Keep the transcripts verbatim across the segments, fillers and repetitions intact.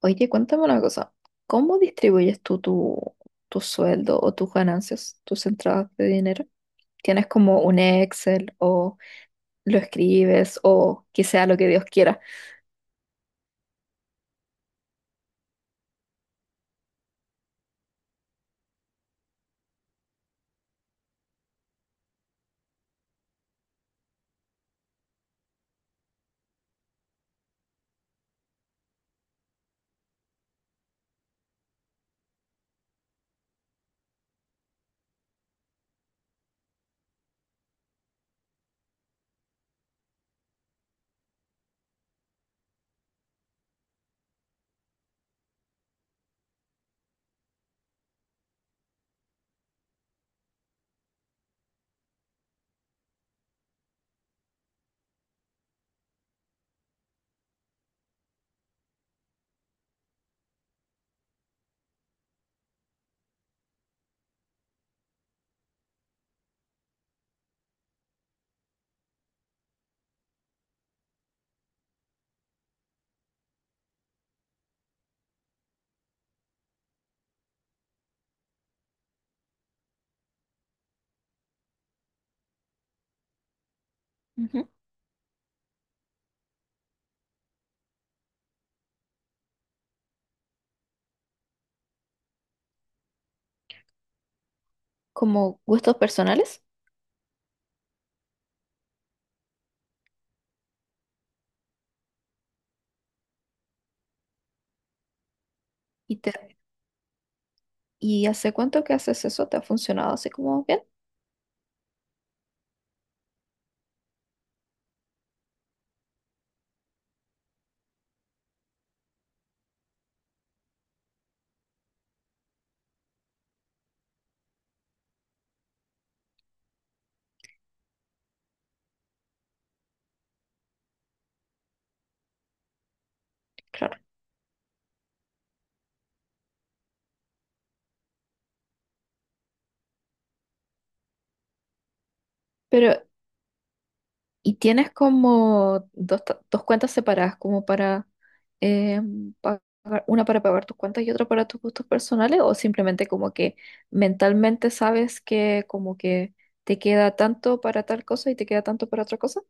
Oye, cuéntame una cosa. ¿Cómo distribuyes tú tu, tu sueldo o tus ganancias, tus entradas de dinero? ¿Tienes como un Excel o lo escribes o que sea lo que Dios quiera? Ujú. Como gustos personales. ¿Y, te, y hace cuánto que haces eso? ¿Te ha funcionado así como bien? Claro. Pero y tienes como dos, ta- dos cuentas separadas, como para eh, pagar, una para pagar tus cuentas y otra para tus gustos personales, o simplemente como que mentalmente sabes que como que te queda tanto para tal cosa y te queda tanto para otra cosa.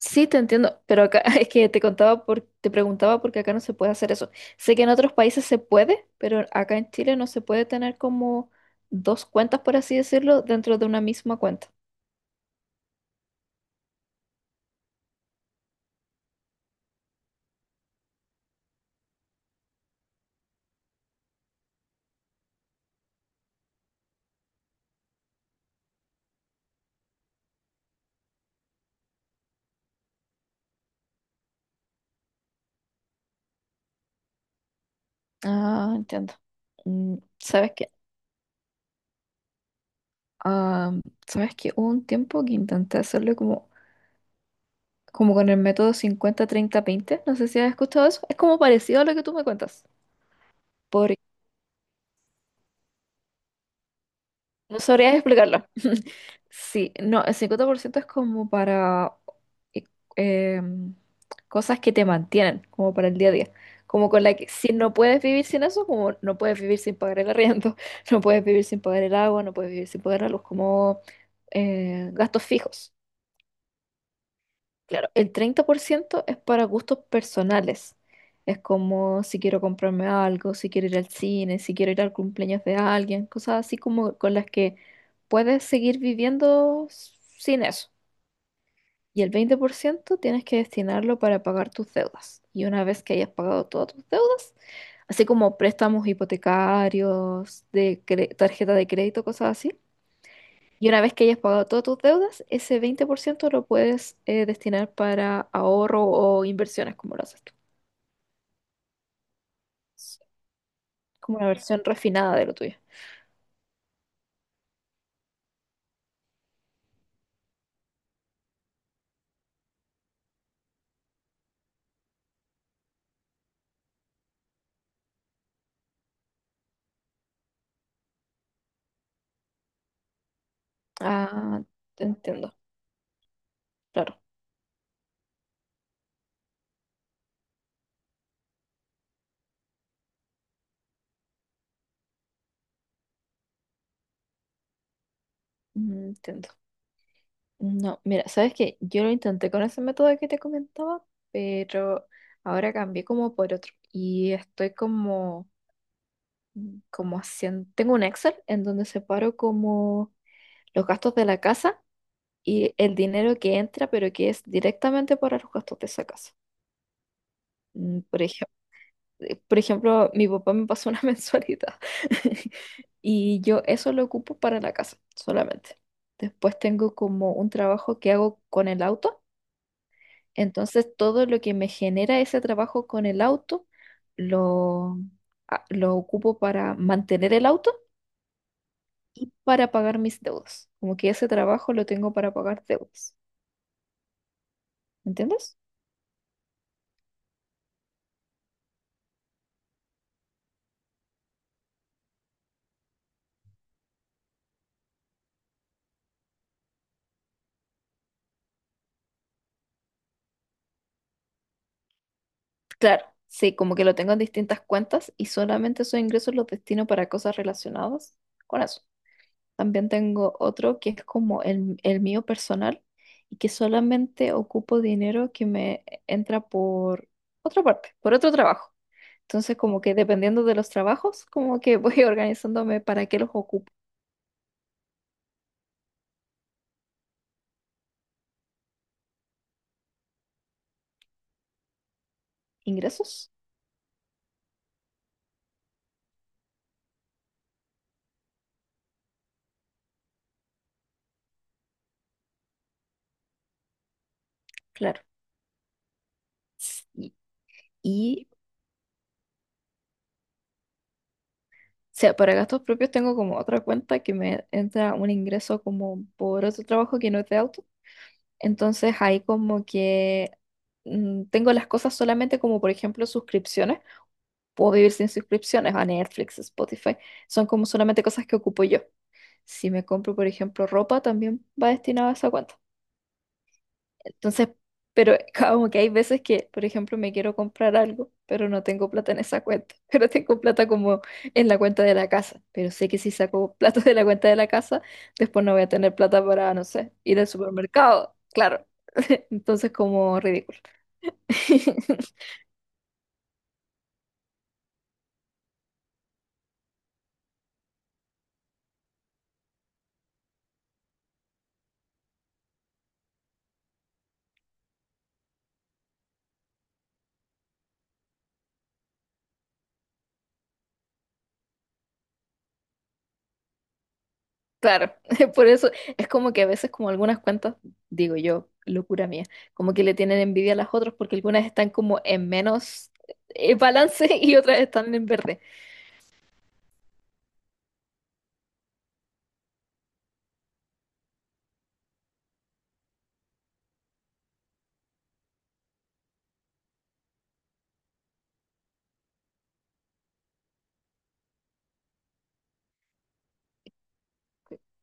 Sí, te entiendo, pero acá es que te contaba por, te preguntaba porque acá no se puede hacer eso. Sé que en otros países se puede, pero acá en Chile no se puede tener como dos cuentas, por así decirlo, dentro de una misma cuenta. Ah, entiendo. Mm, ¿sabes qué? Ah, ¿sabes que hubo un tiempo que intenté hacerlo como, como con el método cincuenta treinta veinte? No sé si has escuchado eso. Es como parecido a lo que tú me cuentas. Por... No sabría explicarlo. Sí, no, el cincuenta por ciento es como para eh, em, cosas que te mantienen, como para el día a día. Como con la que si no puedes vivir sin eso, como no puedes vivir sin pagar el arriendo, no puedes vivir sin pagar el agua, no puedes vivir sin pagar la luz, como eh, gastos fijos. Claro, el treinta por ciento es para gustos personales. Es como si quiero comprarme algo, si quiero ir al cine, si quiero ir al cumpleaños de alguien, cosas así como con las que puedes seguir viviendo s- sin eso. Y el veinte por ciento tienes que destinarlo para pagar tus deudas. Y una vez que hayas pagado todas tus deudas, así como préstamos hipotecarios, de cre- tarjeta de crédito, cosas así, y una vez que hayas pagado todas tus deudas, ese veinte por ciento lo puedes eh, destinar para ahorro o inversiones, como lo haces tú. Es como una versión refinada de lo tuyo. Ah, te entiendo, claro. Mm, entiendo. No, mira, sabes que yo lo intenté con ese método que te comentaba, pero ahora cambié como por otro. Y estoy como, como haciendo, tengo un Excel en donde separo como los gastos de la casa y el dinero que entra, pero que es directamente para los gastos de esa casa. Mm, por ejemplo, por ejemplo, mi papá me pasó una mensualidad y yo eso lo ocupo para la casa solamente. Después tengo como un trabajo que hago con el auto, entonces todo lo que me genera ese trabajo con el auto lo, a- lo ocupo para mantener el auto y para pagar mis deudas. Como que ese trabajo lo tengo para pagar deudas. ¿Entiendes? Claro, sí, como que lo tengo en distintas cuentas y solamente esos ingresos los destino para cosas relacionadas con eso. También tengo otro que es como el, el mío personal y que solamente ocupo dinero que me entra por otra parte, por otro trabajo. Entonces, como que dependiendo de los trabajos, como que voy organizándome para qué los ocupo. Ingresos, claro. Y, y, o sea, para gastos propios tengo como otra cuenta que me entra un ingreso como por otro trabajo que no es de autos. Entonces ahí como que mm, tengo las cosas solamente como por ejemplo suscripciones. Puedo vivir sin suscripciones a Netflix, Spotify. Son como solamente cosas que ocupo yo. Si me compro por ejemplo ropa, también va destinada a esa cuenta. Entonces, pero como que hay veces que, por ejemplo, me quiero comprar algo, pero no tengo plata en esa cuenta, pero tengo plata como en la cuenta de la casa, pero sé que si saco plata de la cuenta de la casa, después no voy a tener plata para, no sé, ir al supermercado, claro. Entonces, como ridículo. Claro, por eso es como que a veces como algunas cuentas, digo yo, locura mía, como que le tienen envidia a las otras porque algunas están como en menos eh, balance y otras están en verde.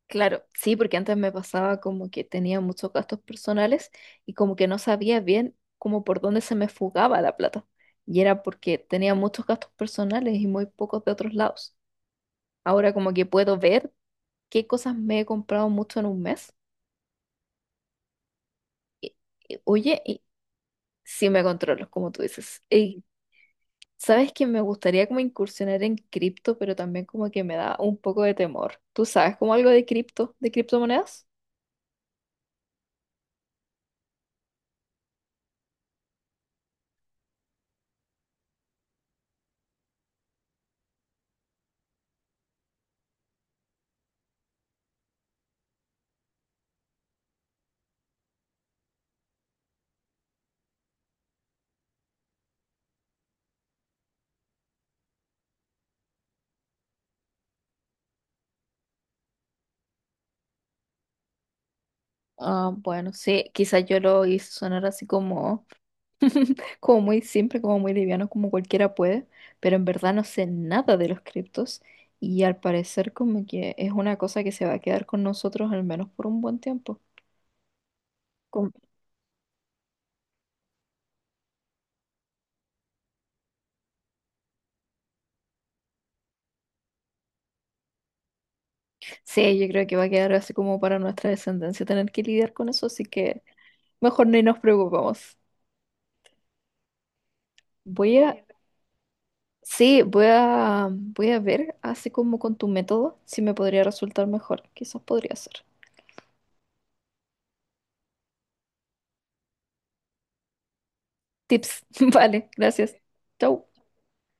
Claro, sí, porque antes me pasaba como que tenía muchos gastos personales y como que no sabía bien como por dónde se me fugaba la plata. Y era porque tenía muchos gastos personales y muy pocos de otros lados. Ahora como que puedo ver qué cosas me he comprado mucho en un mes. Y- y, oye, y sí me controlo, como tú dices. Y sabes que me gustaría como incursionar en cripto, pero también como que me da un poco de temor. ¿Tú sabes como algo de cripto, de criptomonedas? Ah, bueno, sí, quizás yo lo hice sonar así como, como muy simple, como muy liviano, como cualquiera puede, pero en verdad no sé nada de los criptos y al parecer como que es una cosa que se va a quedar con nosotros al menos por un buen tiempo. Com- sí, yo creo que va a quedar así como para nuestra descendencia tener que lidiar con eso, así que mejor ni nos preocupamos. Voy a, sí, voy a, voy a ver así como con tu método si me podría resultar mejor, quizás podría ser. Tips, vale, gracias. Chau.